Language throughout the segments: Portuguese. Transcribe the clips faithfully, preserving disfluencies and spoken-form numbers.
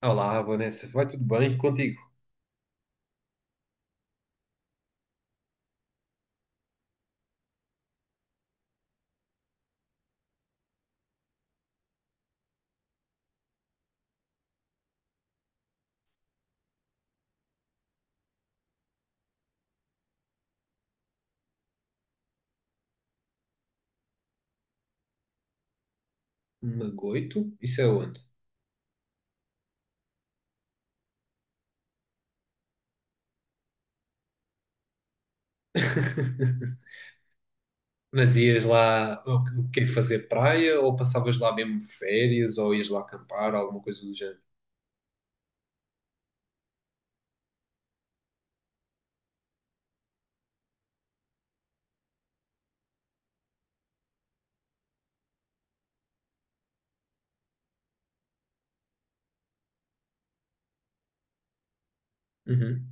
Olá, Vanessa, vai tudo bem? Contigo? Magoito? Isso é onde? Mas ias lá, o o quê, fazer praia ou passavas lá mesmo férias ou ias lá acampar, alguma coisa do género? Uhum.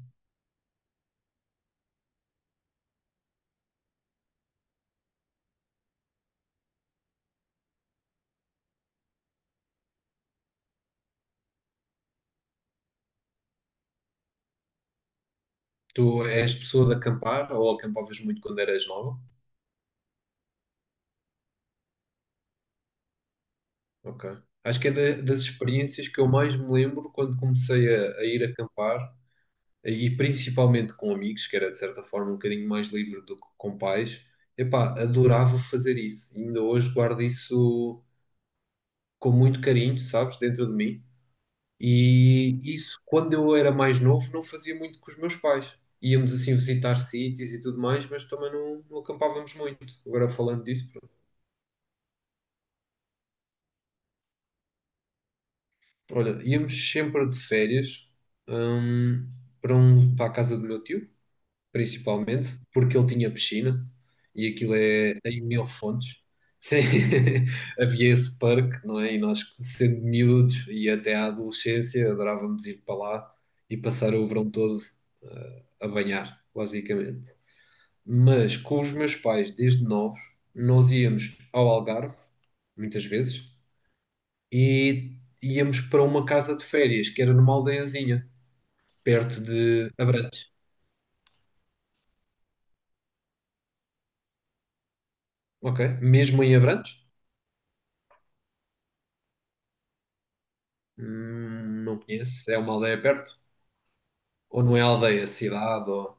Tu és pessoa de acampar ou acampavas muito quando eras nova? Ok. Acho que é da- das experiências que eu mais me lembro quando comecei a, a ir acampar e principalmente com amigos, que era de certa forma um bocadinho mais livre do que com pais. Epá, adorava fazer isso. Ainda hoje guardo isso com muito carinho, sabes, dentro de mim. E isso, quando eu era mais novo, não fazia muito com os meus pais. Íamos assim visitar sítios e tudo mais, mas também não, não acampávamos muito. Agora falando disso, pronto. Olha, íamos sempre de férias, hum, para, um, para a casa do meu tio principalmente, porque ele tinha piscina e aquilo é em Mil Fontes. Sim, havia esse parque, não é? E nós, sendo miúdos e até à adolescência, adorávamos ir para lá e passar o verão todo eh, a banhar, basicamente. Mas com os meus pais, desde novos, nós íamos ao Algarve, muitas vezes, e íamos para uma casa de férias, que era numa aldeiazinha, perto de Abrantes. Ok? Mesmo em Abrantes? Hum, não conheço. É uma aldeia perto? Ou não é aldeia, é cidade? Ou...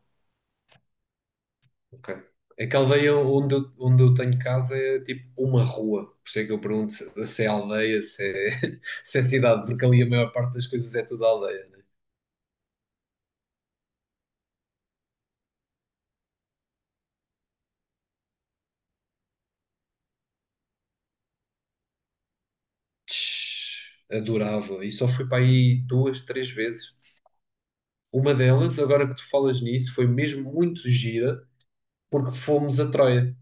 Ok. É que a aldeia onde eu, onde eu tenho casa é tipo uma rua. Por isso é que eu pergunto se, se é aldeia, se é, se é cidade, porque ali a maior parte das coisas é tudo aldeia, né? Tch, adorava. E só fui para aí duas, três vezes. Uma delas, agora que tu falas nisso, foi mesmo muito gira, porque fomos a Troia.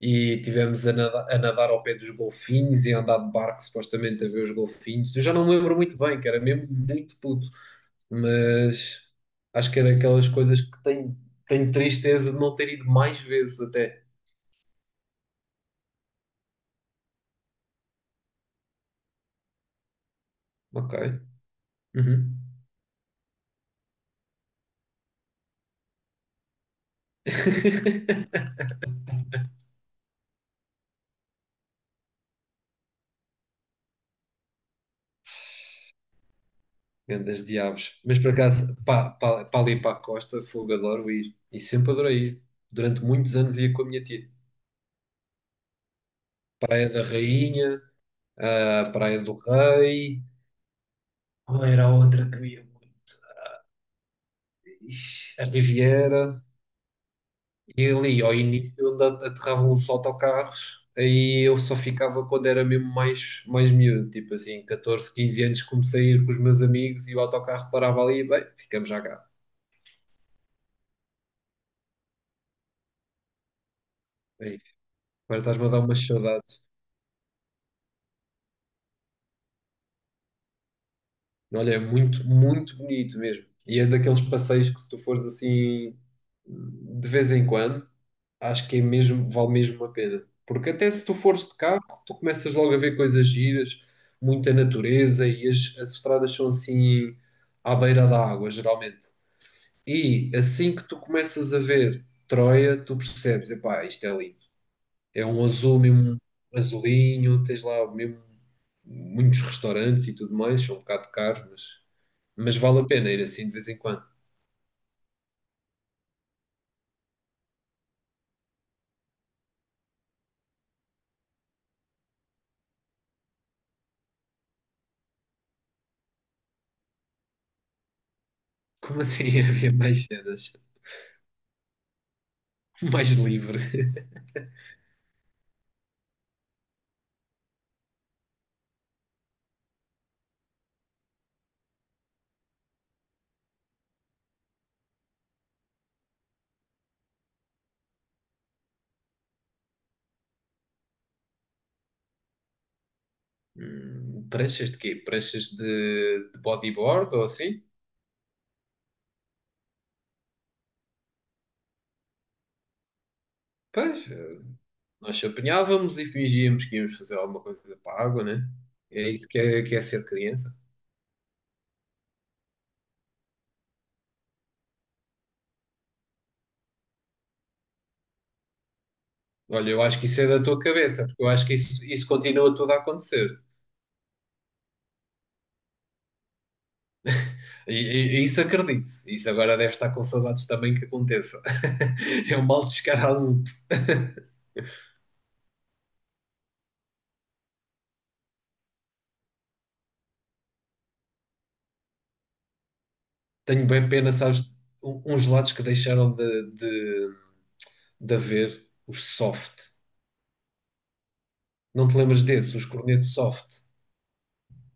E tivemos a nada- a nadar, ao pé dos golfinhos e a andar de barco supostamente a ver os golfinhos. Eu já não me lembro muito bem, que era mesmo muito puto, mas acho que era aquelas coisas que tenho, tenho tristeza de não ter ido mais vezes até. Ok. Uhum. Grandes diabos. Mas por acaso, pá, pá, pá ali para a costa, fogo, adoro ir. E sempre adorei ir. Durante muitos anos ia com a minha tia. Praia da Rainha, a Praia do Rei. Qual era a outra que ia? Ixi, a Riviera, e ali ao início onde a- aterravam os autocarros, aí eu só ficava quando era mesmo mais, mais miúdo, tipo assim, catorze quinze anos, comecei a ir com os meus amigos e o autocarro parava ali, e, bem, ficamos já cá. É isso. Agora estás-me a dar umas saudades. Olha, é muito, muito bonito mesmo. E é daqueles passeios que se tu fores assim de vez em quando, acho que é mesmo, vale mesmo a pena. Porque até se tu fores de carro, tu começas logo a ver coisas giras, muita natureza e as, as estradas são assim à beira da água, geralmente. E assim que tu começas a ver Troia, tu percebes, epá, isto é lindo. É um azul mesmo, azulinho, tens lá mesmo muitos restaurantes e tudo mais, são um bocado caros, mas mas vale a pena ir assim de vez em quando. Como assim havia mais cenas? Mais livre? Hum, pranchas de quê? Pranchas de, de bodyboard ou assim? Pois, eh, nós se apanhávamos e fingíamos que íamos fazer alguma coisa para a água, né? É isso que é, que é ser criança. Olha, eu acho que isso é da tua cabeça, porque eu acho que isso, isso continua tudo a acontecer. E, e- e isso acredito. Isso agora deve estar com saudades também que aconteça. É um mal descarado. Tenho bem pena, sabes, um- uns lados que deixaram de, de- de haver os soft. Não te lembras desses, os cornetos soft?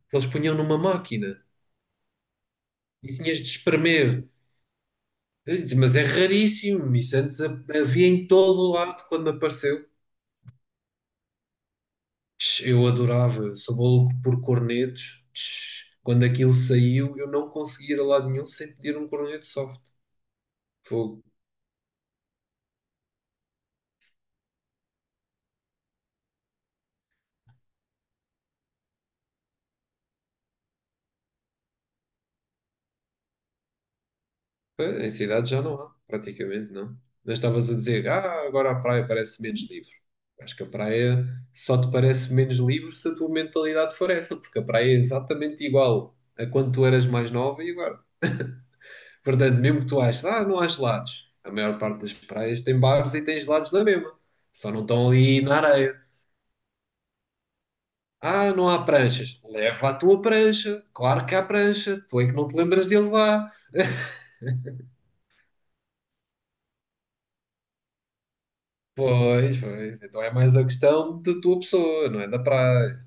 Que eles punham numa máquina e tinhas de espremer. Eu disse, mas é raríssimo, isso antes havia em todo o lado quando apareceu. Tch, Eu adorava, eu sou maluco por cornetos. Tch, Quando aquilo saiu, eu não conseguia ir a lado nenhum sem pedir um corneto soft. Fogo. Pois, em cidade já não há, praticamente não. Mas estavas a dizer, ah, agora a praia parece menos livre. Acho que a praia só te parece menos livre se a tua mentalidade for essa, porque a praia é exatamente igual a quando tu eras mais nova e agora. Portanto, mesmo que tu aches, ah, não há gelados. A maior parte das praias tem bares e tem gelados na mesma. Só não estão ali na areia. Ah, não há pranchas. Leva a tua prancha. Claro que há prancha. Tu é que não te lembras de levar. Pois, pois. Então é mais a questão da tua pessoa, não é da praia.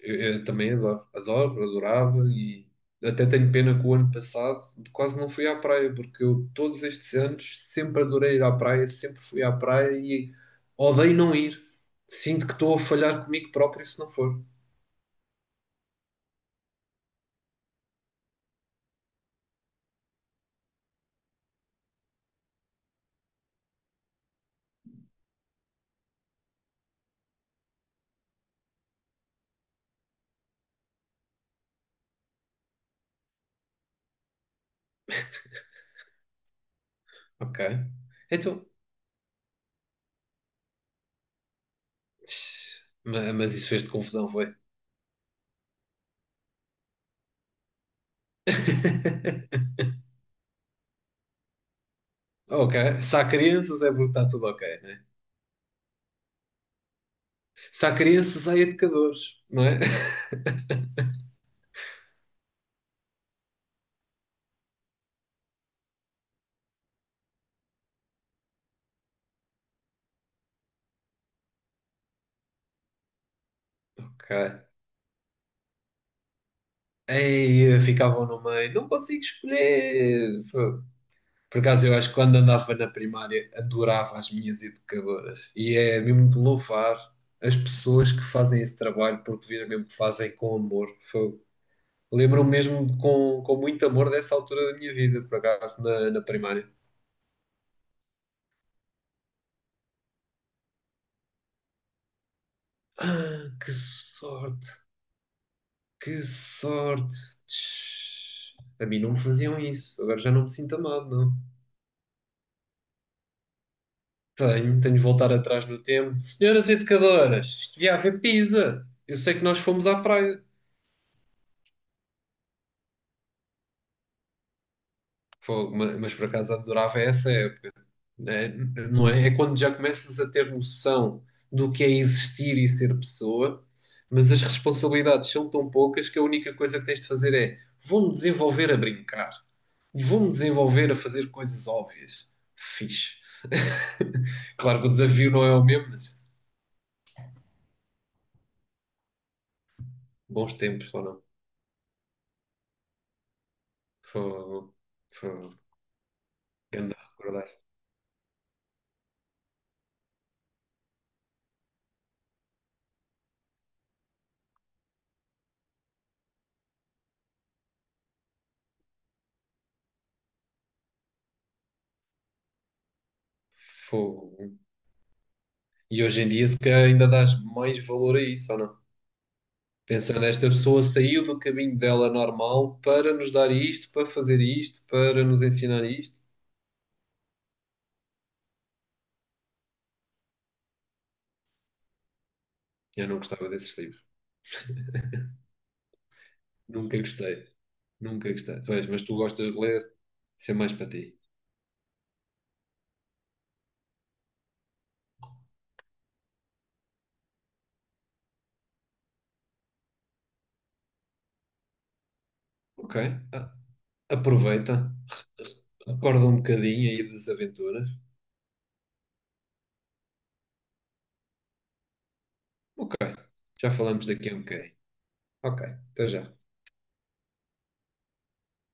Eu, eu também adoro, adoro, adorava e até tenho pena que o ano passado quase não fui à praia, porque eu todos estes anos sempre adorei ir à praia, sempre fui à praia e odeio não ir. Sinto que estou a falhar comigo próprio se não for. Ok. Então, ma- mas isso fez-te confusão, foi? Ok. Se há crianças é porque está tudo ok, né? Se há crianças, há educadores, não é? Ok. Aí ficavam no meio, não consigo escolher. Por acaso, eu acho que quando andava na primária adorava as minhas educadoras e é mesmo de louvar as pessoas que fazem esse trabalho porque vejo mesmo que fazem com amor. Foi, lembro-me mesmo de- com, com muito amor dessa altura da minha vida, por acaso, na, na primária. Ah, que sorte, que sorte. Tch. A mim não me faziam isso, agora já não me sinto amado, não. Tenho, tenho de voltar atrás no tempo. Senhoras educadoras, isto devia haver pizza. Eu sei que nós fomos à praia. Fogo, ma- mas por acaso adorava essa época, né? Não é? É quando já começas a ter noção do que é existir e ser pessoa, mas as responsabilidades são tão poucas que a única coisa que tens de fazer é vou-me desenvolver a brincar, vou-me desenvolver a fazer coisas óbvias. Fixe. Claro que o desafio não é o mesmo, mas bons tempos, ou não? Fogo, fogo, anda a recordar. Fogo. E hoje em dia, se calhar, ainda dás mais valor a isso, ou não? Pensando, esta pessoa saiu do caminho dela normal para nos dar isto, para fazer isto, para nos ensinar isto. Eu não gostava desses livros. Nunca gostei. Nunca gostei. Pois, mas tu gostas de ler, isso é mais para ti. Ok. Ah, aproveita. Acorda um bocadinho aí das aventuras. Ok. Já falamos daqui a um bocadinho. Ok. Até já.